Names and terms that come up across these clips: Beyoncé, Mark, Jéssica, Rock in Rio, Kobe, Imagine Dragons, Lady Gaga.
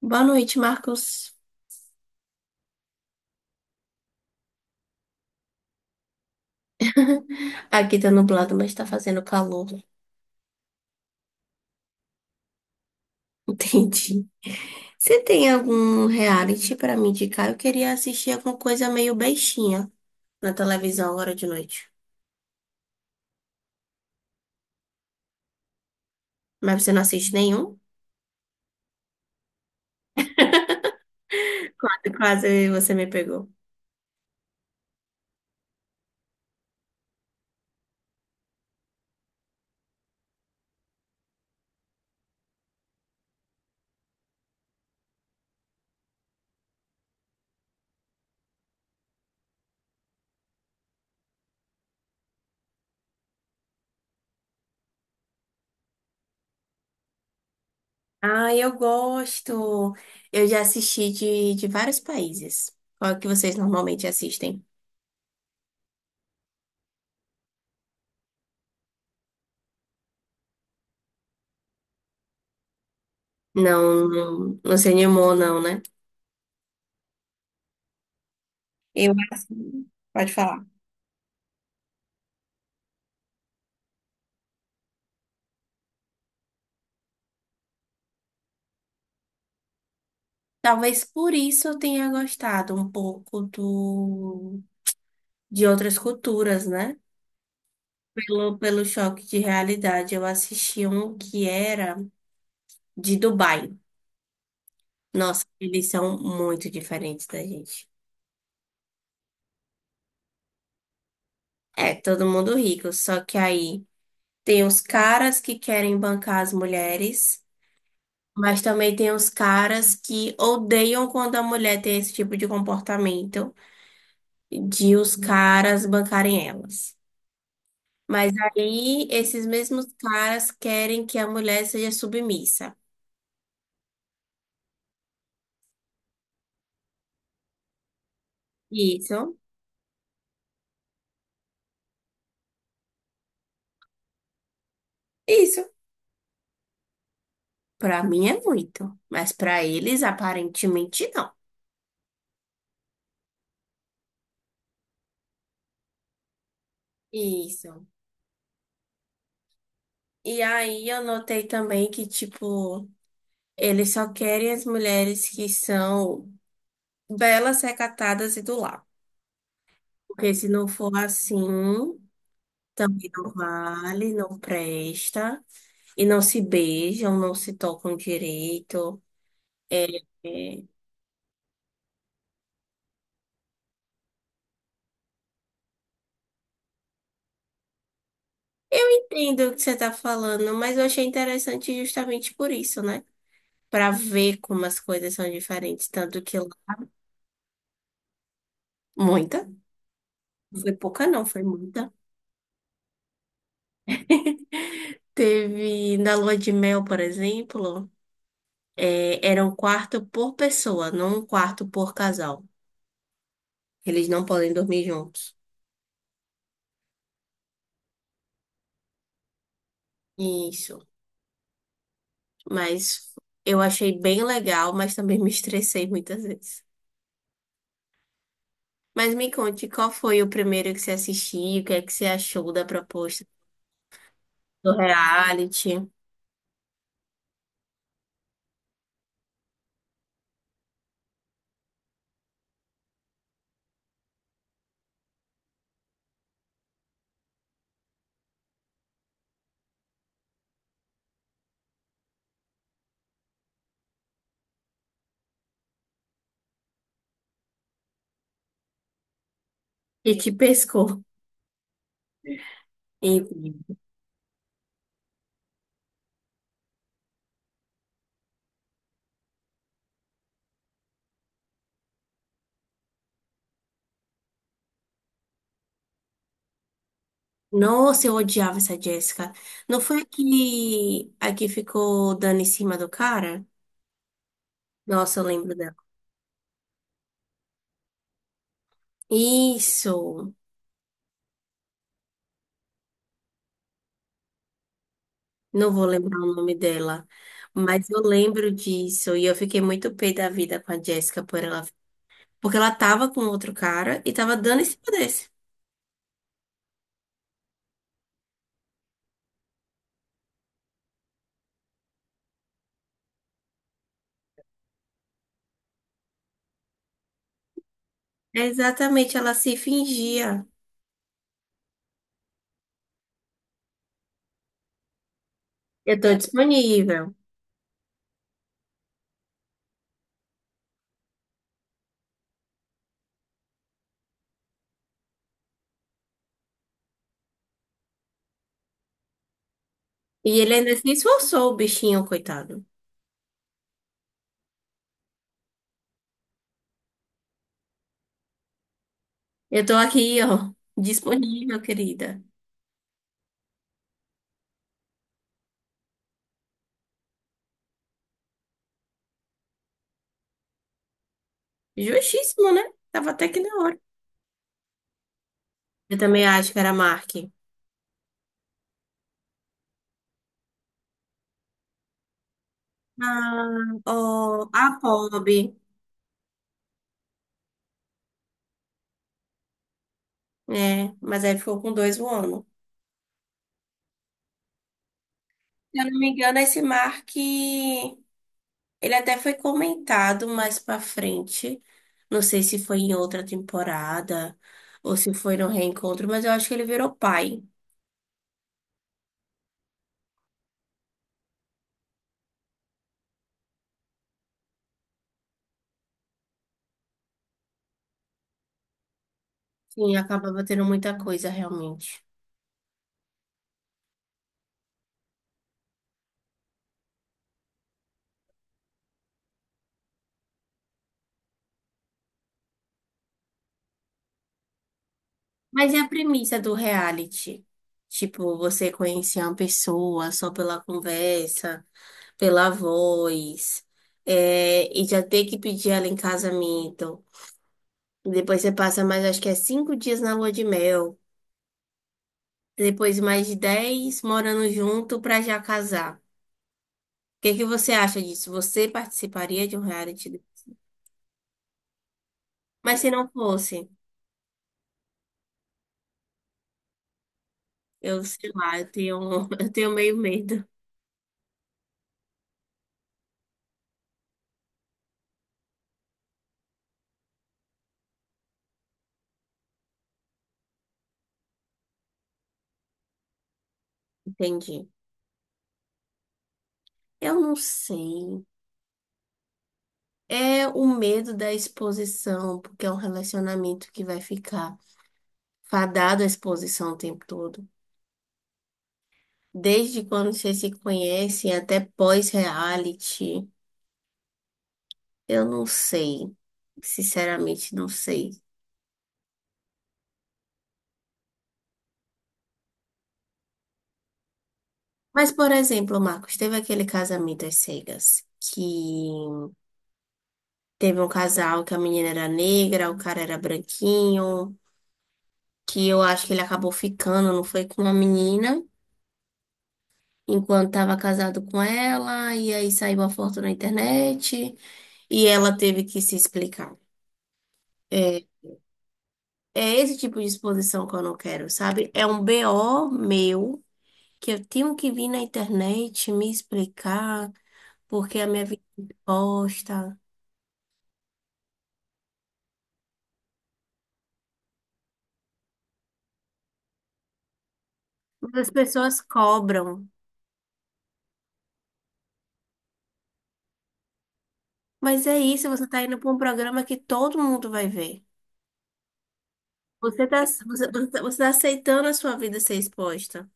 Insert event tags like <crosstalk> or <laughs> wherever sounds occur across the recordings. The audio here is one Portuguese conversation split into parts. Boa noite, Marcos. Aqui tá nublado, mas tá fazendo calor. <laughs> Entendi. Você tem algum reality pra me indicar? Eu queria assistir alguma coisa meio bestinha na televisão agora de noite. Mas você não assiste nenhum? <laughs> Quase, quase você me pegou. Ah, eu gosto. Eu já assisti de vários países. Qual é que vocês normalmente assistem? Não, não, não se animou, não, né? Eu assisto. Pode falar. Talvez por isso eu tenha gostado um pouco de outras culturas, né? Pelo choque de realidade, eu assisti um que era de Dubai. Nossa, eles são muito diferentes da gente. É, todo mundo rico, só que aí tem os caras que querem bancar as mulheres, mas também tem os caras que odeiam quando a mulher tem esse tipo de comportamento de os caras bancarem elas. Mas aí esses mesmos caras querem que a mulher seja submissa. Isso, isso. Pra mim é muito, mas pra eles aparentemente não. Isso. E aí eu notei também que, tipo, eles só querem as mulheres que são belas, recatadas e do lar. Porque se não for assim, também não vale, não presta. E não se beijam, não se tocam direito. É. Eu entendo o que você está falando, mas eu achei interessante justamente por isso, né? Para ver como as coisas são diferentes. Tanto que lá- muita, não foi pouca não, foi muita. Teve na lua de mel, por exemplo, era um quarto por pessoa, não um quarto por casal. Eles não podem dormir juntos. Isso. Mas eu achei bem legal, mas também me estressei muitas vezes. Mas me conte, qual foi o primeiro que você assistiu? O que é que você achou da proposta do reality? E te pescou. Enfim. Nossa, eu odiava essa Jéssica. Não foi a que ficou dando em cima do cara? Nossa, eu lembro dela. Isso! Não vou lembrar o nome dela, mas eu lembro disso. E eu fiquei muito pé da vida com a Jéssica por ela. Porque ela tava com outro cara e tava dando em cima desse. Exatamente, ela se fingia. Eu tô disponível. E ele ainda se esforçou, o bichinho, coitado. Eu tô aqui, ó, disponível, querida. Justíssimo, né? Tava até que na hora. Eu também acho que era Mark. Ah, oh, a Kobe. É, mas aí ficou com dois voando. Se eu não me engano, esse Mark, ele até foi comentado mais pra frente. Não sei se foi em outra temporada ou se foi no reencontro, mas eu acho que ele virou pai. Sim, acabava tendo muita coisa realmente. Mas é a premissa do reality? Tipo, você conhecer uma pessoa só pela conversa, pela voz, e já ter que pedir ela em casamento. Depois você passa mais, acho que é 5 dias na lua de mel. Depois mais de 10 morando junto pra já casar. O que que você acha disso? Você participaria de um reality? Mas se não fosse, eu sei lá, eu tenho, <laughs> eu tenho meio medo. Entendi. Eu não sei. É o medo da exposição, porque é um relacionamento que vai ficar fadado à exposição o tempo todo. Desde quando vocês se conhecem até pós-reality, eu não sei. Sinceramente, não sei. Mas, por exemplo, Marcos, teve aquele Casamento às Cegas, que teve um casal que a menina era negra, o cara era branquinho, que eu acho que ele acabou ficando, não foi com a menina, enquanto estava casado com ela, e aí saiu a foto na internet, e ela teve que se explicar. É, é esse tipo de exposição que eu não quero, sabe? É um BO meu que eu tenho que vir na internet me explicar porque a minha vida é exposta. Mas as pessoas cobram. Mas é isso, você tá indo para um programa que todo mundo vai ver. Você tá, você tá, você tá aceitando a sua vida ser exposta.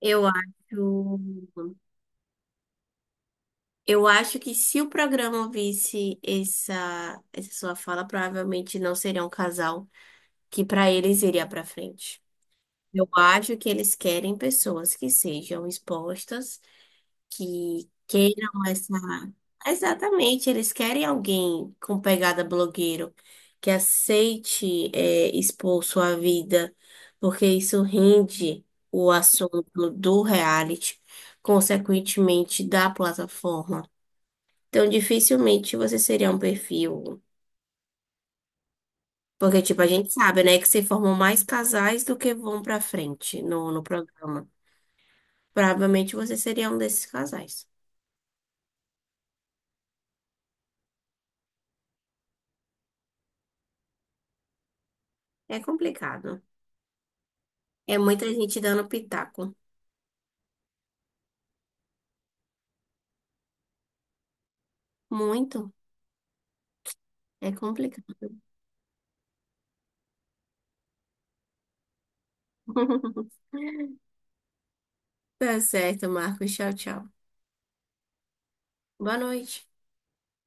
Eu acho, eu acho que se o programa visse essa sua fala, provavelmente não seria um casal que para eles iria para frente. Eu acho que eles querem pessoas que sejam expostas, que queiram essa. Exatamente, eles querem alguém com pegada blogueiro, que aceite, é, expor sua vida, porque isso rende o assunto do reality, consequentemente da plataforma. Então, dificilmente você seria um perfil. Porque, tipo, a gente sabe, né, que se formam mais casais do que vão pra frente no programa. Provavelmente você seria um desses casais. É complicado. É muita gente dando pitaco. Muito. É complicado. <laughs> Tá certo, Marcos. Tchau, tchau. Boa noite.